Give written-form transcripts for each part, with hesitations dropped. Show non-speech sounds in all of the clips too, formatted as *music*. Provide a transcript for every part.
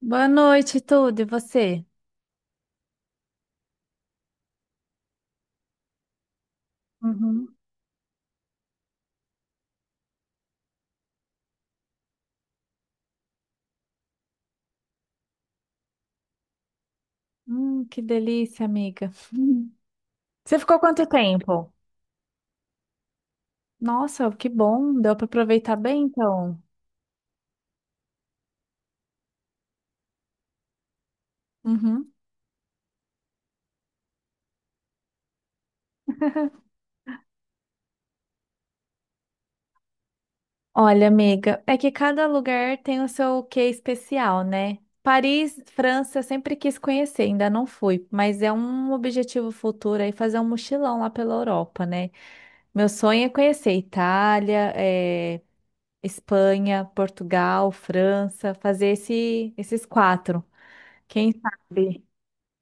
Boa noite, tudo. E você? Uhum. Que delícia, amiga. Hum. Você ficou quanto tempo? Nossa, que bom. Deu para aproveitar bem, então. Uhum. Olha, amiga, é que cada lugar tem o seu quê especial, né? Paris, França, eu sempre quis conhecer, ainda não fui, mas é um objetivo futuro aí fazer um mochilão lá pela Europa, né? Meu sonho é conhecer Itália, Espanha, Portugal, França, fazer esses quatro. Quem sabe?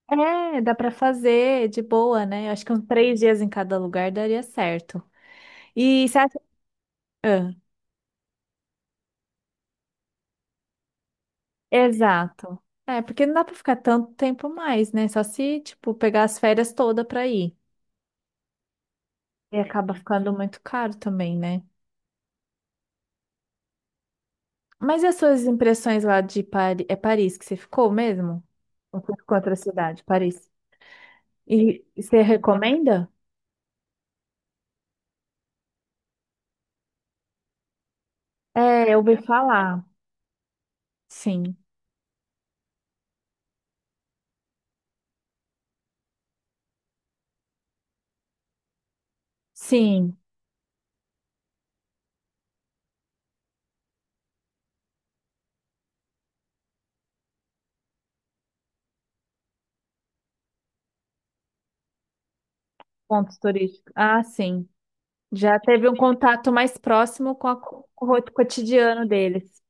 É, dá pra fazer de boa, né? Eu acho que uns 3 dias em cada lugar daria certo. E você acha... Ah, exato. É, porque não dá pra ficar tanto tempo mais, né? Só se, tipo, pegar as férias toda pra ir. E acaba ficando muito caro também, né? Mas e as suas impressões lá de Paris? É Paris que você ficou mesmo? Ou você ficou em outra cidade, Paris? E você recomenda? É, eu ouvi falar. Sim. Sim. Pontos turísticos. Ah, sim. Já teve um contato mais próximo com, com o roto cotidiano deles.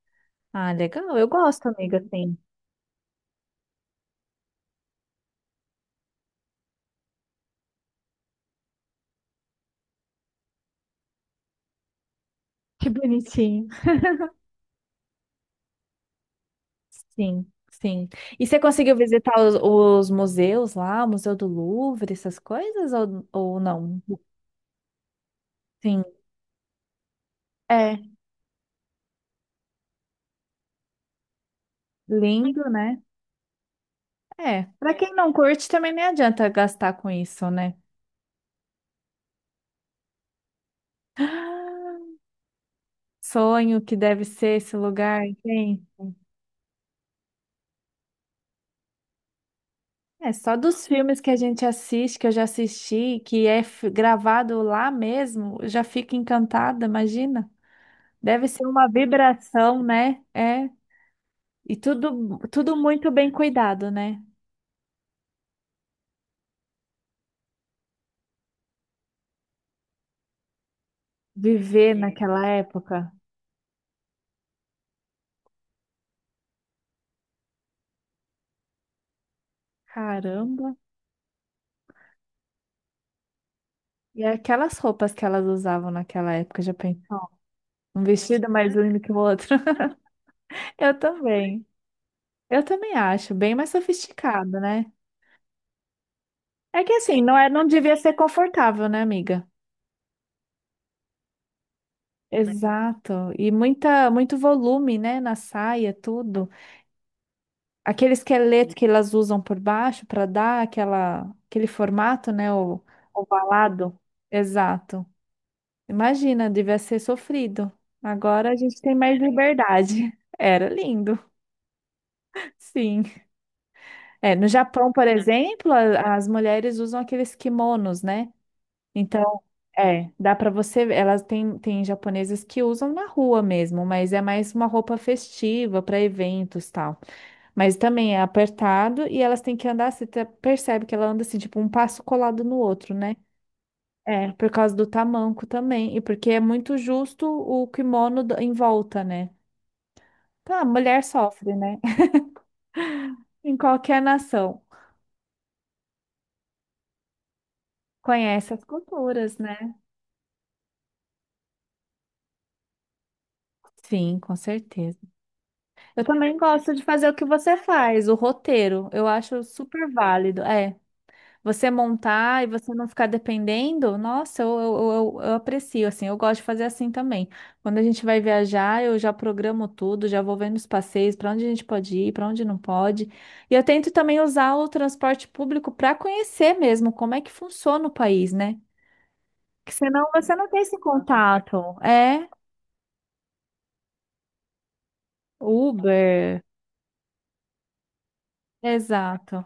Ah, legal. Eu gosto, amiga, sim. Que bonitinho. Sim, sim. E você conseguiu visitar os museus lá, o Museu do Louvre, essas coisas, ou não? Sim. É, lindo, né? É. Pra quem não curte, também nem adianta gastar com isso, né? *gasps* Sonho que deve ser esse lugar, hein? É só dos filmes que a gente assiste, que eu já assisti, que é gravado lá mesmo, eu já fico encantada, imagina. Deve ser uma vibração, né? É. E tudo, tudo muito bem cuidado, né? Viver naquela época. Caramba. E aquelas roupas que elas usavam naquela época, já pensou? Um vestido mais lindo que o outro. *laughs* Eu também. Eu também acho, bem mais sofisticado, né? É que assim, não é, não devia ser confortável, né, amiga? Exato. E muita, muito volume, né, na saia, tudo. Aquele esqueleto que elas usam por baixo para dar aquela, aquele formato, né, o ovalado. Exato. Imagina, devia ser sofrido. Agora a gente tem mais liberdade. *laughs* Era lindo, sim. É, no Japão, por exemplo, as mulheres usam aqueles kimonos, né? Então é, dá pra você elas têm japonesas que usam na rua mesmo, mas é mais uma roupa festiva para eventos tal. Mas também é apertado e elas têm que andar, você percebe que ela anda assim, tipo um passo colado no outro, né? É, por causa do tamanco também e porque é muito justo o kimono em volta, né? Tá, a mulher sofre, né? *laughs* Em qualquer nação. Conhece as culturas, né? Sim, com certeza. Eu também gosto de fazer o que você faz, o roteiro. Eu acho super válido. É. Você montar e você não ficar dependendo, nossa, eu aprecio, assim, eu gosto de fazer assim também. Quando a gente vai viajar, eu já programo tudo, já vou vendo os passeios, para onde a gente pode ir, para onde não pode. E eu tento também usar o transporte público para conhecer mesmo como é que funciona o país, né? Porque senão você não tem esse contato. É, Uber. Exato.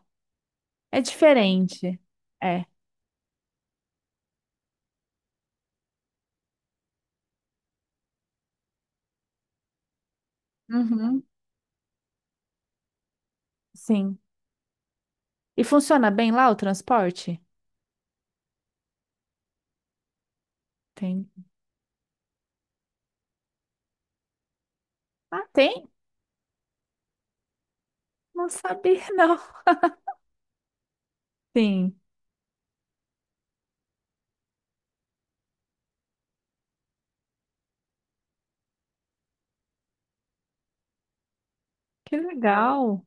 É diferente. É. Uhum. Sim. E funciona bem lá o transporte? Tem. Ah, tem? Não sabia, *laughs* não. Sim, que legal.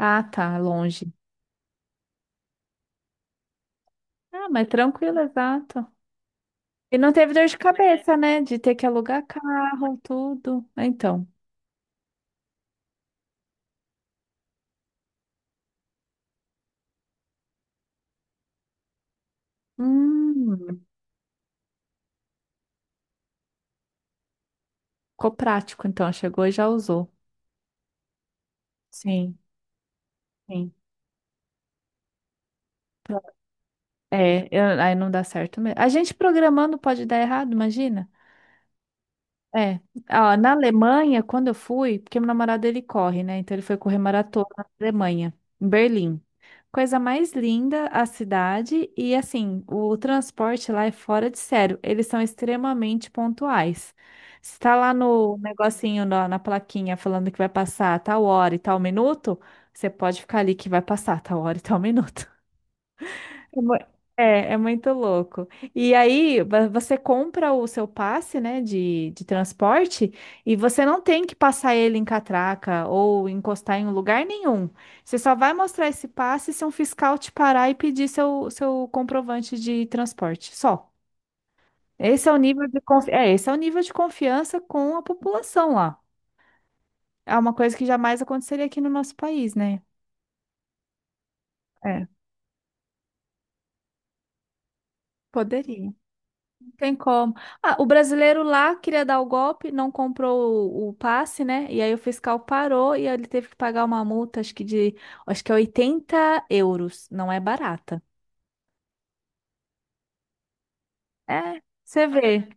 Ah, tá, longe. Ah, mas tranquilo, exato. E não teve dor de cabeça, né? De ter que alugar carro, tudo. Ah, então, hum, ficou prático, então. Chegou e já usou. Sim, sim. É, aí não dá certo mesmo. A gente programando pode dar errado, imagina? É, ó, na Alemanha, quando eu fui, porque meu namorado ele corre, né? Então ele foi correr maratona na Alemanha, em Berlim. Coisa mais linda a cidade e assim, o transporte lá é fora de sério. Eles são extremamente pontuais. Se tá lá no negocinho, na plaquinha, falando que vai passar tal hora e tal minuto, você pode ficar ali que vai passar tal hora e tal minuto. É, mu- é muito louco. E aí, você compra o seu passe, né, de transporte e você não tem que passar ele em catraca ou encostar em um lugar nenhum. Você só vai mostrar esse passe se um fiscal te parar e pedir seu comprovante de transporte. Só. Esse é o nível de confi- É, esse é o nível de confiança com a população lá. É uma coisa que jamais aconteceria aqui no nosso país, né? É, poderia. Tem como. Ah, o brasileiro lá queria dar o golpe, não comprou o passe, né? E aí o fiscal parou e aí ele teve que pagar uma multa, acho que de, acho que é 80 euros. Não é barata. É, você vê.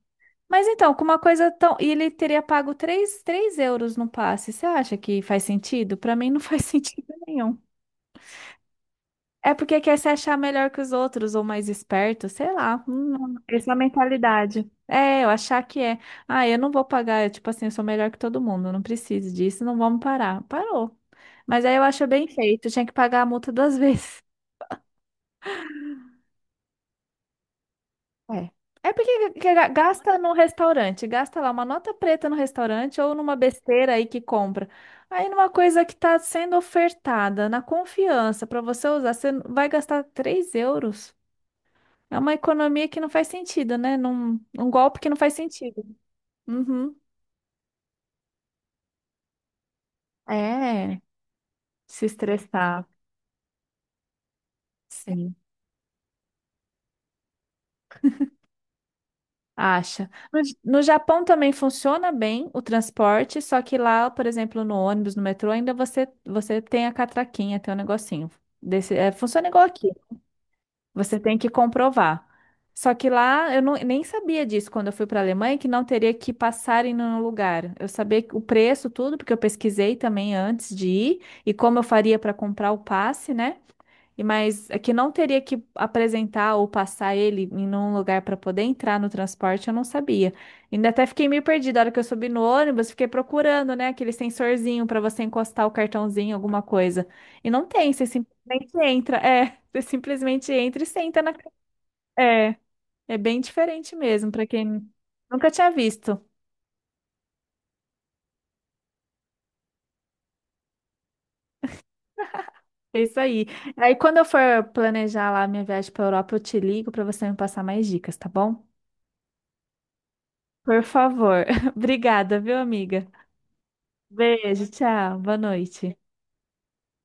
Mas então, com uma coisa tão. E ele teria pago 3 euros no passe. Você acha que faz sentido? Para mim não faz *laughs* sentido nenhum. É porque quer se achar melhor que os outros ou mais esperto, sei lá. Essa mentalidade. É, eu achar que é. Ah, eu não vou pagar, eu, tipo assim, eu sou melhor que todo mundo, eu não preciso disso, não vamos parar. Parou. Mas aí eu acho bem feito, tinha que pagar a multa duas *laughs* vezes. É. É porque gasta no restaurante, gasta lá uma nota preta no restaurante ou numa besteira aí que compra. Aí numa coisa que está sendo ofertada, na confiança, para você usar, você vai gastar 3 euros. É uma economia que não faz sentido, né? Um golpe que não faz sentido. Uhum. É, se estressar, sim, acha. No Japão também funciona bem o transporte, só que lá, por exemplo, no ônibus, no metrô, ainda você tem a catraquinha, tem um negocinho. Desse, é, funciona igual aqui. Você tem que comprovar. Só que lá eu nem sabia disso quando eu fui para a Alemanha, que não teria que passar em nenhum lugar. Eu sabia o preço, tudo, porque eu pesquisei também antes de ir e como eu faria para comprar o passe, né? E mas é que não teria que apresentar ou passar ele em um lugar para poder entrar no transporte, eu não sabia. Ainda até fiquei meio perdida. A hora que eu subi no ônibus, fiquei procurando, né, aquele sensorzinho para você encostar o cartãozinho, alguma coisa. E não tem, você simplesmente entra. É, *laughs* você simplesmente entra e senta na. É, É bem diferente mesmo, para quem nunca tinha visto. É isso aí. Aí quando eu for planejar lá a minha viagem para Europa, eu te ligo para você me passar mais dicas, tá bom? Por favor. *laughs* Obrigada, viu, amiga? Beijo, tchau, boa noite.